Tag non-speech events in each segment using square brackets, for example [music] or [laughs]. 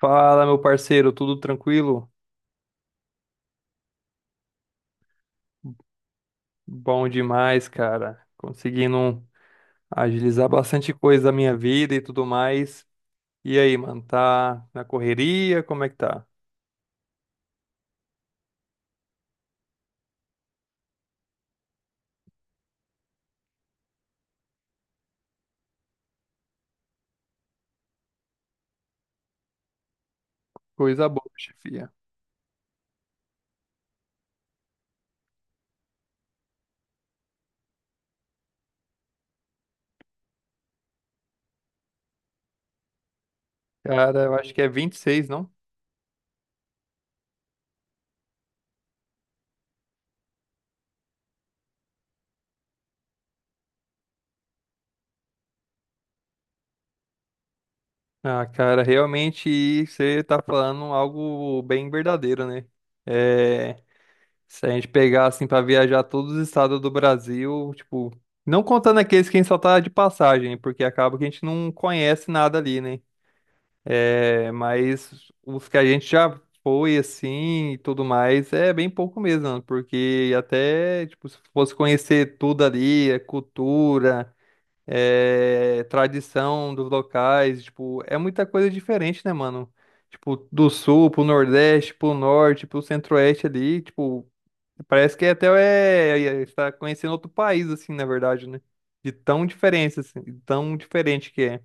Fala, meu parceiro, tudo tranquilo? Bom demais, cara. Conseguindo agilizar bastante coisa da minha vida e tudo mais. E aí, mano, tá na correria? Como é que tá? Coisa boa, chefia. Cara, eu acho que é 26, não? Ah, cara, realmente você tá falando algo bem verdadeiro, né? É, se a gente pegar assim pra viajar todos os estados do Brasil, tipo, não contando aqueles que a gente só tá de passagem, porque acaba que a gente não conhece nada ali, né? É, mas os que a gente já foi assim e tudo mais, é bem pouco mesmo, mano, porque até, tipo, se fosse conhecer tudo ali, a cultura, é, tradição dos locais, tipo, é muita coisa diferente, né, mano? Tipo, do sul pro nordeste, pro norte, pro centro-oeste ali, tipo, parece que até está conhecendo outro país, assim, na verdade, né? De tão diferença, assim, de tão diferente que é.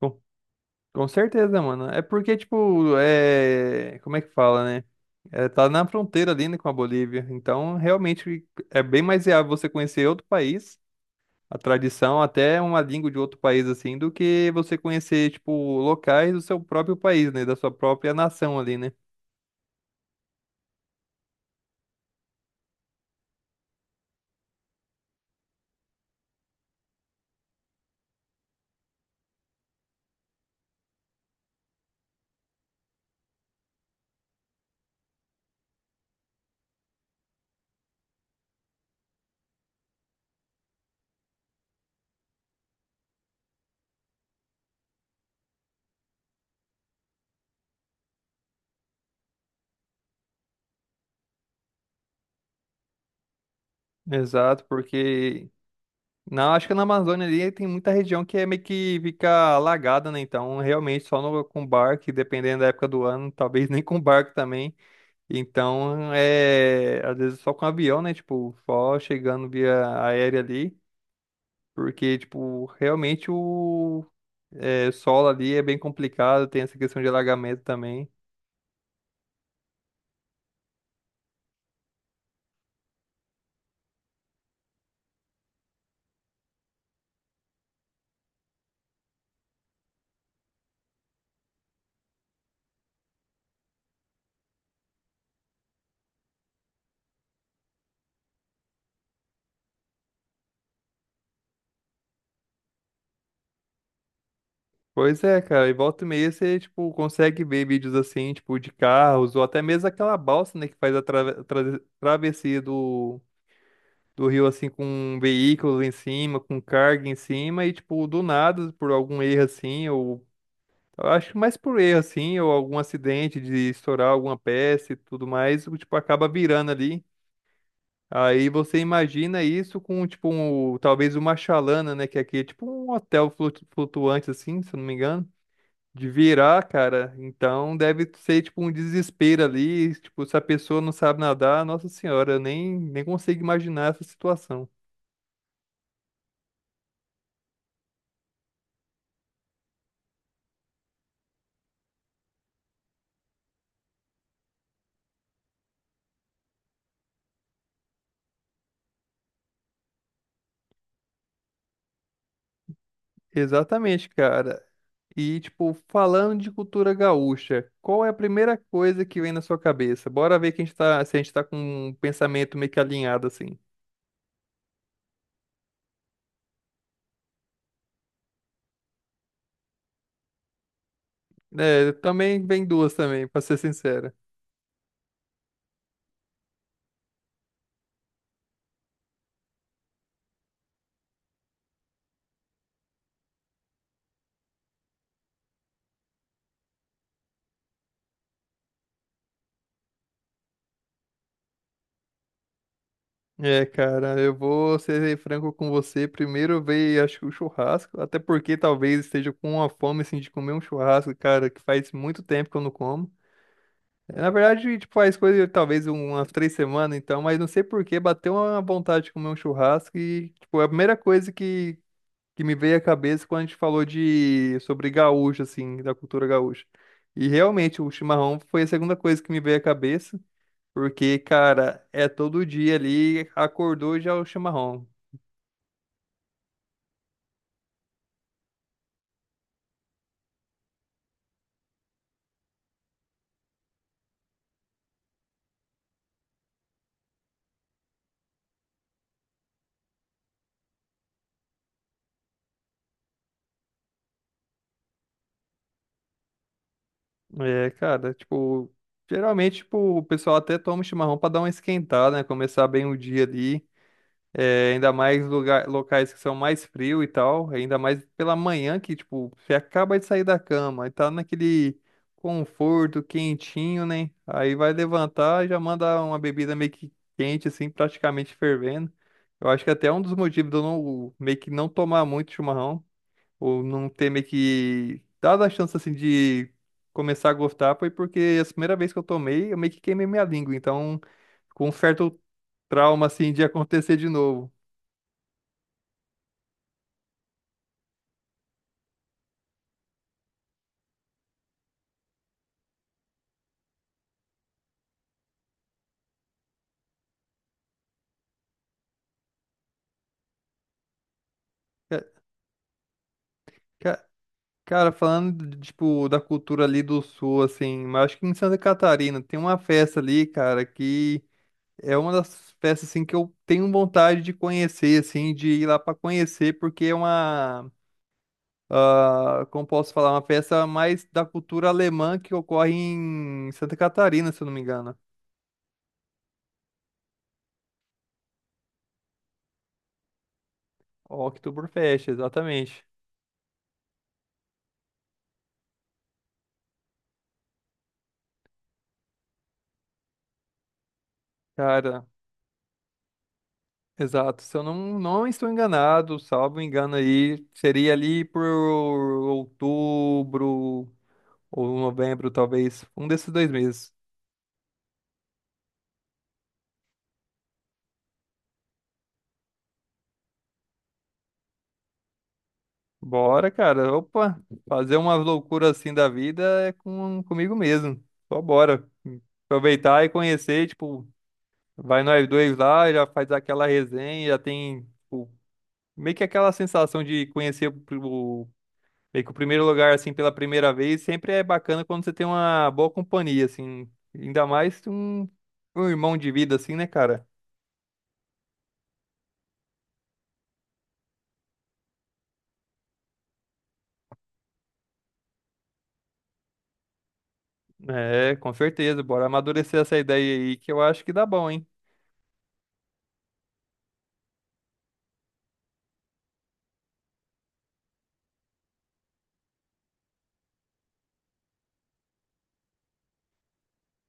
Com, com certeza, mano. É porque, tipo, como é que fala, né? É, tá na fronteira ali, né, com a Bolívia. Então, realmente, é bem mais viável você conhecer outro país, a tradição, até uma língua de outro país, assim, do que você conhecer, tipo, locais do seu próprio país, né? Da sua própria nação ali, né? Exato, porque não, acho que na Amazônia ali tem muita região que é meio que fica alagada, né? Então, realmente, só no, com barco, e dependendo da época do ano, [laughs] talvez nem com barco também. Então, é, às vezes só com avião, né? Tipo, só chegando via aérea ali, porque, tipo, realmente o é, solo ali é bem complicado, tem essa questão de alagamento também. Pois é, cara, e volta e meia você, tipo, consegue ver vídeos assim, tipo, de carros, ou até mesmo aquela balsa, né, que faz a travessia do rio assim com veículos em cima, com carga em cima e tipo do nada por algum erro assim ou eu acho que mais por erro assim ou algum acidente de estourar alguma peça e tudo mais, o tipo acaba virando ali. Aí você imagina isso com tipo talvez uma chalana, né, que aqui é tipo um hotel flutuante assim, se eu não me engano. De virar, cara, então deve ser tipo um desespero ali. Tipo, se a pessoa não sabe nadar, nossa senhora, eu nem consigo imaginar essa situação. Exatamente, cara. E, tipo, falando de cultura gaúcha, qual é a primeira coisa que vem na sua cabeça? Bora ver que a gente tá, se a gente tá com um pensamento meio que alinhado, assim. É, também vem duas também, pra ser sincero. É, cara, eu vou ser franco com você. Primeiro veio, acho que o churrasco, até porque talvez esteja com uma fome, assim, de comer um churrasco, cara, que faz muito tempo que eu não como. Na verdade, tipo, faz coisa de talvez umas 3 semanas, então, mas não sei por que bateu uma vontade de comer um churrasco e, tipo, a primeira coisa que me veio à cabeça quando a gente falou de sobre gaúcho, assim, da cultura gaúcha. E realmente o chimarrão foi a segunda coisa que me veio à cabeça, porque, cara, é todo dia ali, acordou já é o chimarrão. É, cara, tipo, geralmente, tipo, o pessoal até toma o chimarrão pra dar uma esquentada, né? Começar bem o dia ali. É, ainda mais lugar, locais que são mais frio e tal, ainda mais pela manhã que, tipo, você acaba de sair da cama e tá naquele conforto, quentinho, né? Aí vai levantar e já manda uma bebida meio que quente, assim, praticamente fervendo. Eu acho que até é um dos motivos de eu não, meio que não tomar muito chimarrão, ou não ter meio que dado a chance, assim, de começar a gostar, foi porque a primeira vez que eu tomei, eu meio que queimei minha língua, então, com um certo trauma, assim, de acontecer de novo. Ca- ca- Cara, falando, de, tipo, da cultura ali do sul, assim, mas acho que em Santa Catarina tem uma festa ali, cara, que é uma das festas, assim, que eu tenho vontade de conhecer, assim, de ir lá pra conhecer, porque é uma, ah, como posso falar, uma festa mais da cultura alemã que ocorre em Santa Catarina, se eu não me engano. Oktoberfest, exatamente. Cara, exato, se eu não estou enganado, salvo engano aí, seria ali por outubro ou novembro, talvez, um desses dois meses. Bora, cara, opa, fazer uma loucura assim da vida é comigo mesmo, só bora. Aproveitar e conhecer, tipo, vai nós dois lá, já faz aquela resenha, já tem, tipo, meio que aquela sensação de conhecer o meio que o primeiro lugar, assim, pela primeira vez, sempre é bacana quando você tem uma boa companhia, assim. Ainda mais um irmão de vida, assim, né, cara? É, com certeza. Bora amadurecer essa ideia aí, que eu acho que dá bom, hein?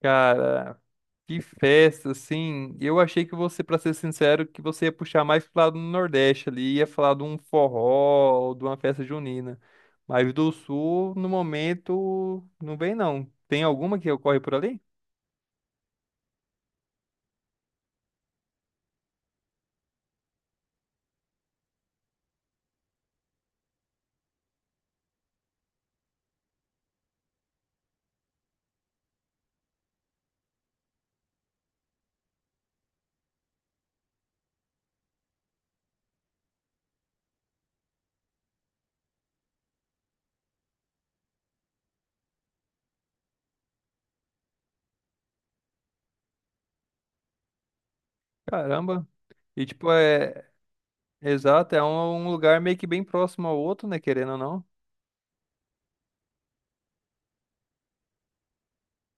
Cara, que festa, assim. Eu achei que você, pra ser sincero, que você ia puxar mais pro lado do Nordeste ali, ia falar de um forró, ou de uma festa junina. Mas do Sul, no momento, não vem, não. Tem alguma que ocorre por ali? Caramba. E tipo, é, exato, é um lugar meio que bem próximo ao outro, né? Querendo ou não.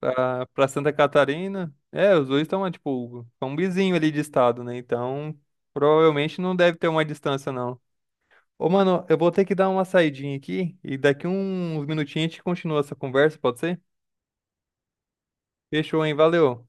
Pra Santa Catarina. É, os dois estão, tipo, são um vizinho ali de estado, né? Então, provavelmente não deve ter uma distância, não. Ô, mano, eu vou ter que dar uma saidinha aqui e daqui uns minutinhos a gente continua essa conversa, pode ser? Fechou, hein? Valeu.